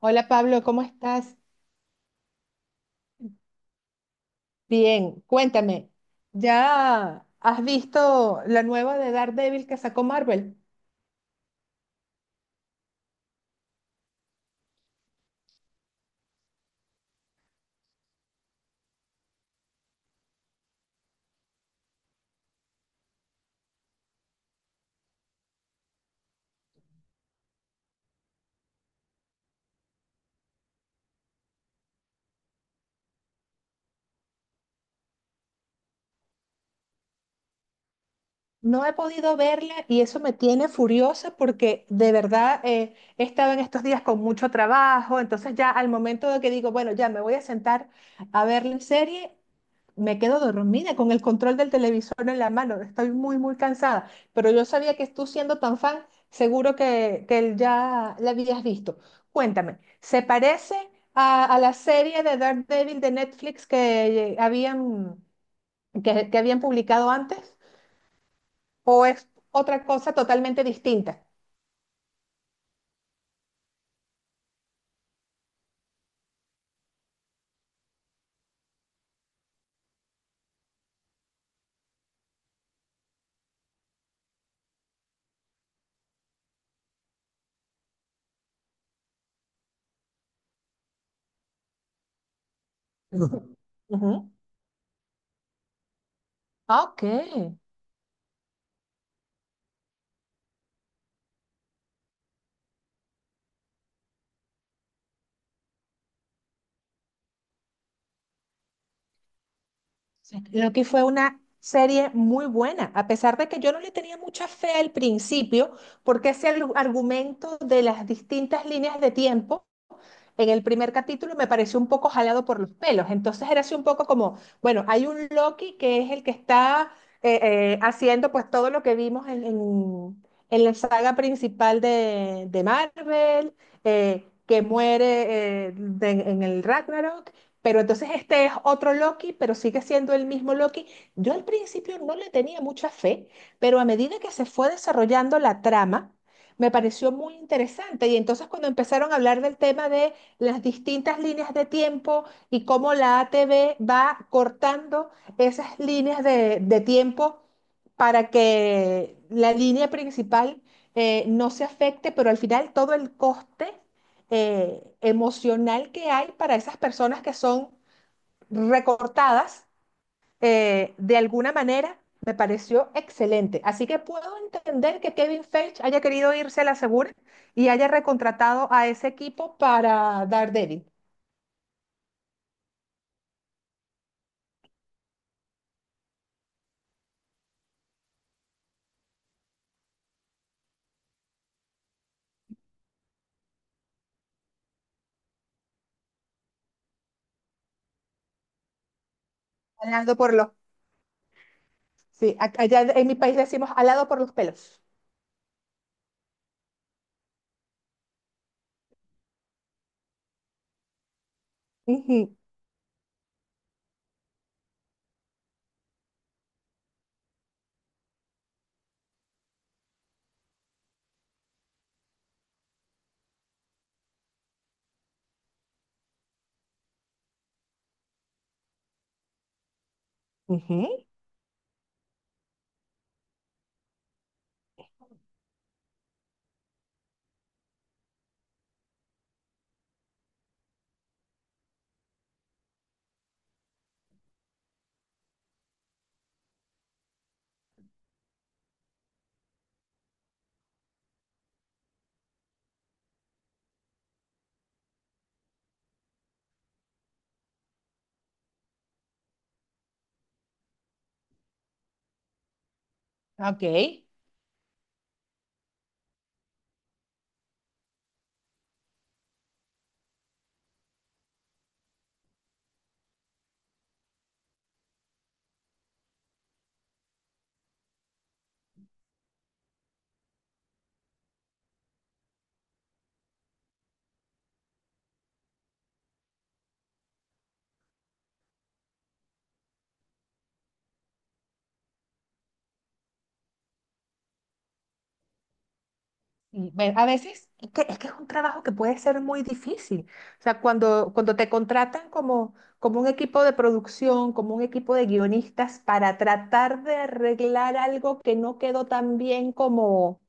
Hola Pablo, ¿cómo estás? Bien, cuéntame, ¿ya has visto la nueva de Daredevil que sacó Marvel? No he podido verla y eso me tiene furiosa porque de verdad he estado en estos días con mucho trabajo, entonces ya al momento de que digo, bueno, ya me voy a sentar a ver la serie, me quedo dormida con el control del televisor en la mano, estoy muy, muy cansada, pero yo sabía que tú siendo tan fan, seguro que ya la habías visto. Cuéntame, ¿se parece a la serie de Daredevil de Netflix que, habían, que habían publicado antes? ¿O es otra cosa totalmente distinta? Ujú. Ujú. Ok. Sí. Creo fue una serie muy buena, a pesar de que yo no le tenía mucha fe al principio, porque ese argumento de las distintas líneas de tiempo en el primer capítulo me pareció un poco jalado por los pelos. Entonces era así un poco como, bueno, hay un Loki que es el que está eh, haciendo pues todo lo que vimos en la saga principal de Marvel, que muere en el Ragnarok. Pero entonces este es otro Loki, pero sigue siendo el mismo Loki. Yo al principio no le tenía mucha fe, pero a medida que se fue desarrollando la trama, me pareció muy interesante. Y entonces cuando empezaron a hablar del tema de las distintas líneas de tiempo y cómo la ATV va cortando esas líneas de tiempo para que la línea principal no se afecte, pero al final todo el coste emocional que hay para esas personas que son recortadas de alguna manera, me pareció excelente. Así que puedo entender que Kevin Feige haya querido irse a la segura y haya recontratado a ese equipo para Daredevil. Alado por los, sí, allá en mi país decimos alado por los pelos. Ujú, ujú, ok. A veces es que es un trabajo que puede ser muy difícil. O sea, cuando te contratan como, como un equipo de producción, como un equipo de guionistas para tratar de arreglar algo que no quedó tan bien como,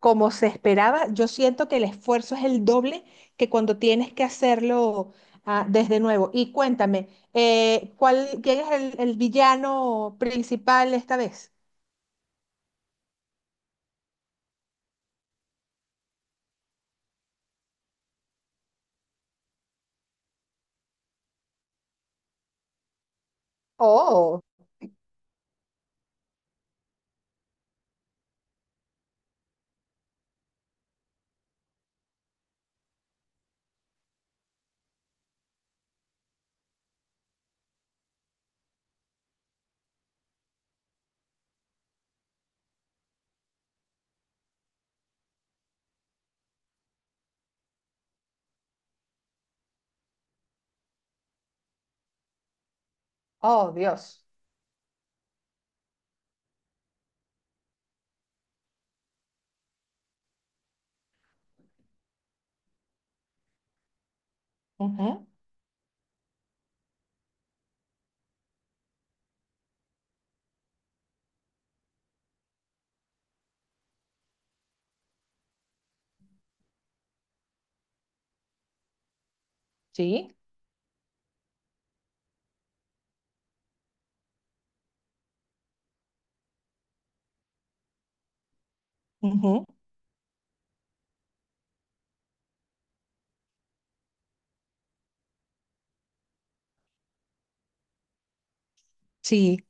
como se esperaba, yo siento que el esfuerzo es el doble que cuando tienes que hacerlo desde nuevo. Y cuéntame, ¿cuál, quién es el villano principal esta vez? Oh, oh, Dios. Ujú. Sí. Sí,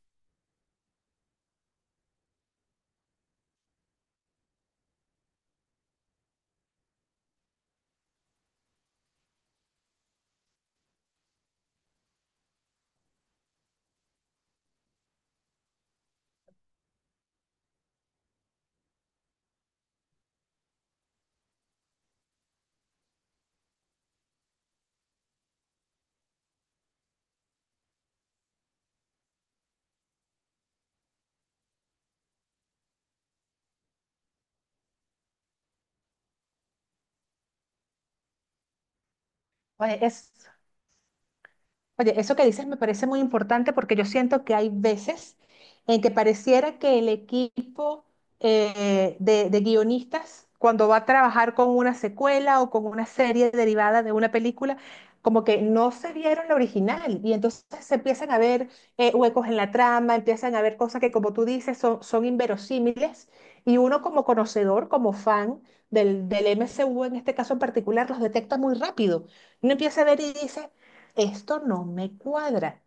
oye, es, oye, eso que dices me parece muy importante porque yo siento que hay veces en que pareciera que el equipo de guionistas, cuando va a trabajar con una secuela o con una serie derivada de una película, como que no se vieron la original y entonces se empiezan a ver huecos en la trama, empiezan a ver cosas que, como tú dices, son, son inverosímiles y uno como conocedor, como fan del M C U en este caso en particular, los detecta muy rápido. Uno empieza a ver y dice esto no me cuadra,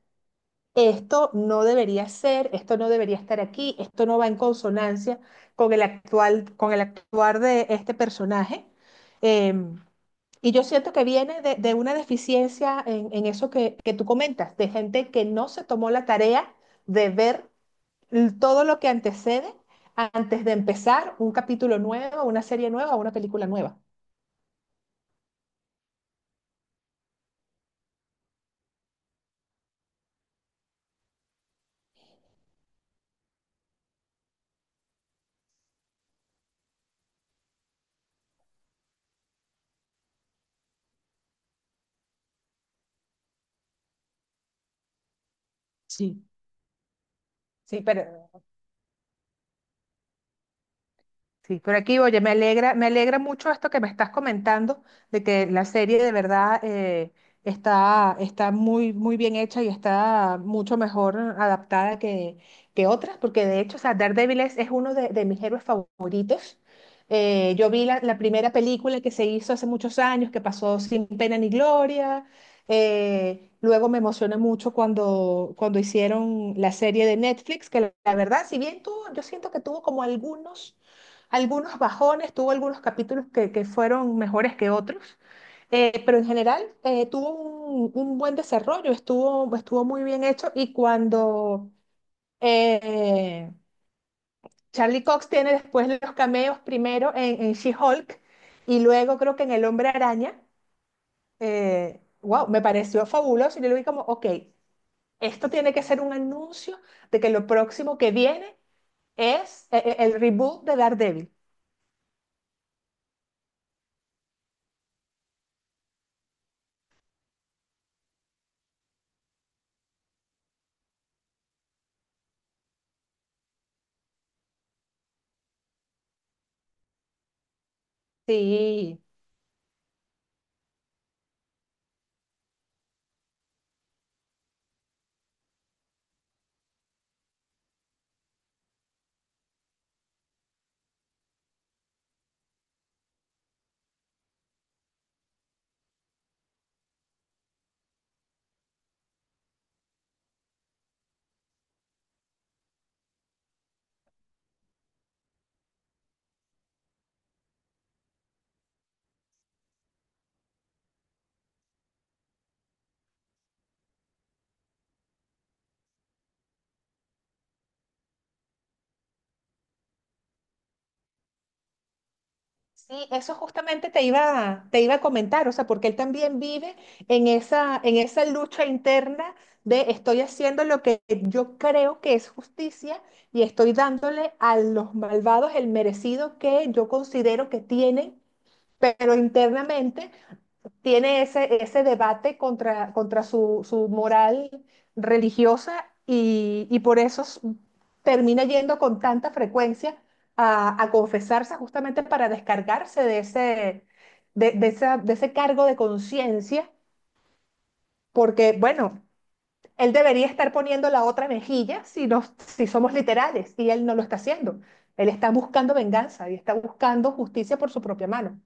esto no debería ser, esto no debería estar aquí, esto no va en consonancia con el actual, con el actuar de este personaje. Em, y yo siento que viene de una deficiencia en eso que tú comentas, de gente que no se tomó la tarea de ver todo lo que antecede antes de empezar un capítulo nuevo, una serie nueva, una película nueva. Sí. Sí, pero sí, pero aquí, oye, me alegra mucho esto que me estás comentando, de que la serie de verdad está, está muy, muy bien hecha y está mucho mejor adaptada que otras, porque de hecho, o sea, Daredevil es uno de mis héroes favoritos. Yo vi la primera película que se hizo hace muchos años, que pasó sin pena ni gloria. Luego me emocioné mucho cuando hicieron la serie de Netflix, que la verdad, si bien tuvo, yo siento que tuvo como algunos algunos bajones, tuvo algunos capítulos que fueron mejores que otros, pero en general tuvo un buen desarrollo, estuvo, estuvo muy bien hecho y cuando eh, Charlie Cox tiene después los cameos primero en She-Hulk y luego creo que en El Hombre Araña, wow, me pareció fabuloso y yo lo vi como, ok, esto tiene que ser un anuncio de que lo próximo que viene es el reboot de Daredevil. Sí. Sí, eso justamente te iba a comentar, o sea, porque él también vive en esa lucha interna de estoy haciendo lo que yo creo que es justicia y estoy dándole a los malvados el merecido que yo considero que tienen, pero internamente tiene ese, ese debate contra su moral religiosa y por eso termina yendo con tanta frecuencia a confesarse justamente para descargarse de ese, de de ese cargo de conciencia, porque bueno, él debería estar poniendo la otra mejilla si, nos, si somos literales y él no lo está haciendo. Él está buscando venganza y está buscando justicia por su propia mano.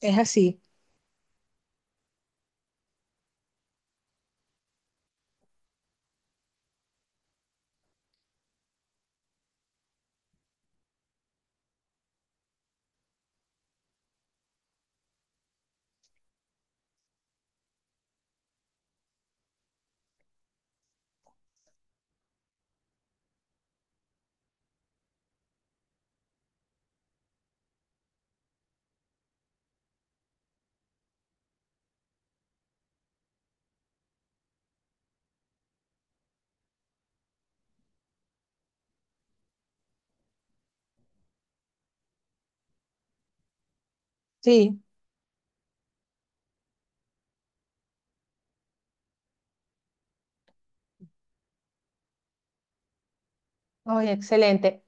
Es así, sí. Ay, excelente.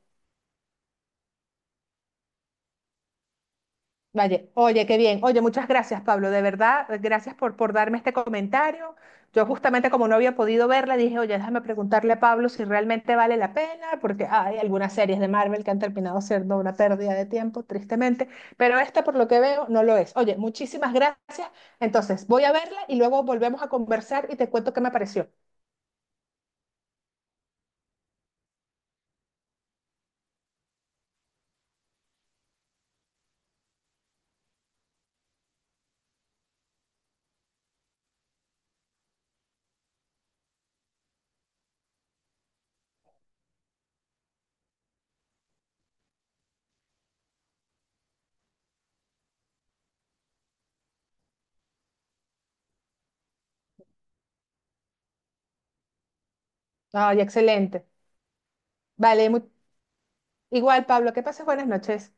Vaya, oye, qué bien. Oye, muchas gracias, Pablo. De verdad, gracias por darme este comentario. Yo justamente como no había podido verla, dije, oye, déjame preguntarle a Pablo si realmente vale la pena, porque hay algunas series de Marvel que han terminado siendo una pérdida de tiempo, tristemente, pero esta por lo que veo no lo es. Oye, muchísimas gracias. Entonces, voy a verla y luego volvemos a conversar y te cuento qué me pareció. Ay, excelente. Vale, igual, Pablo, que pases buenas noches.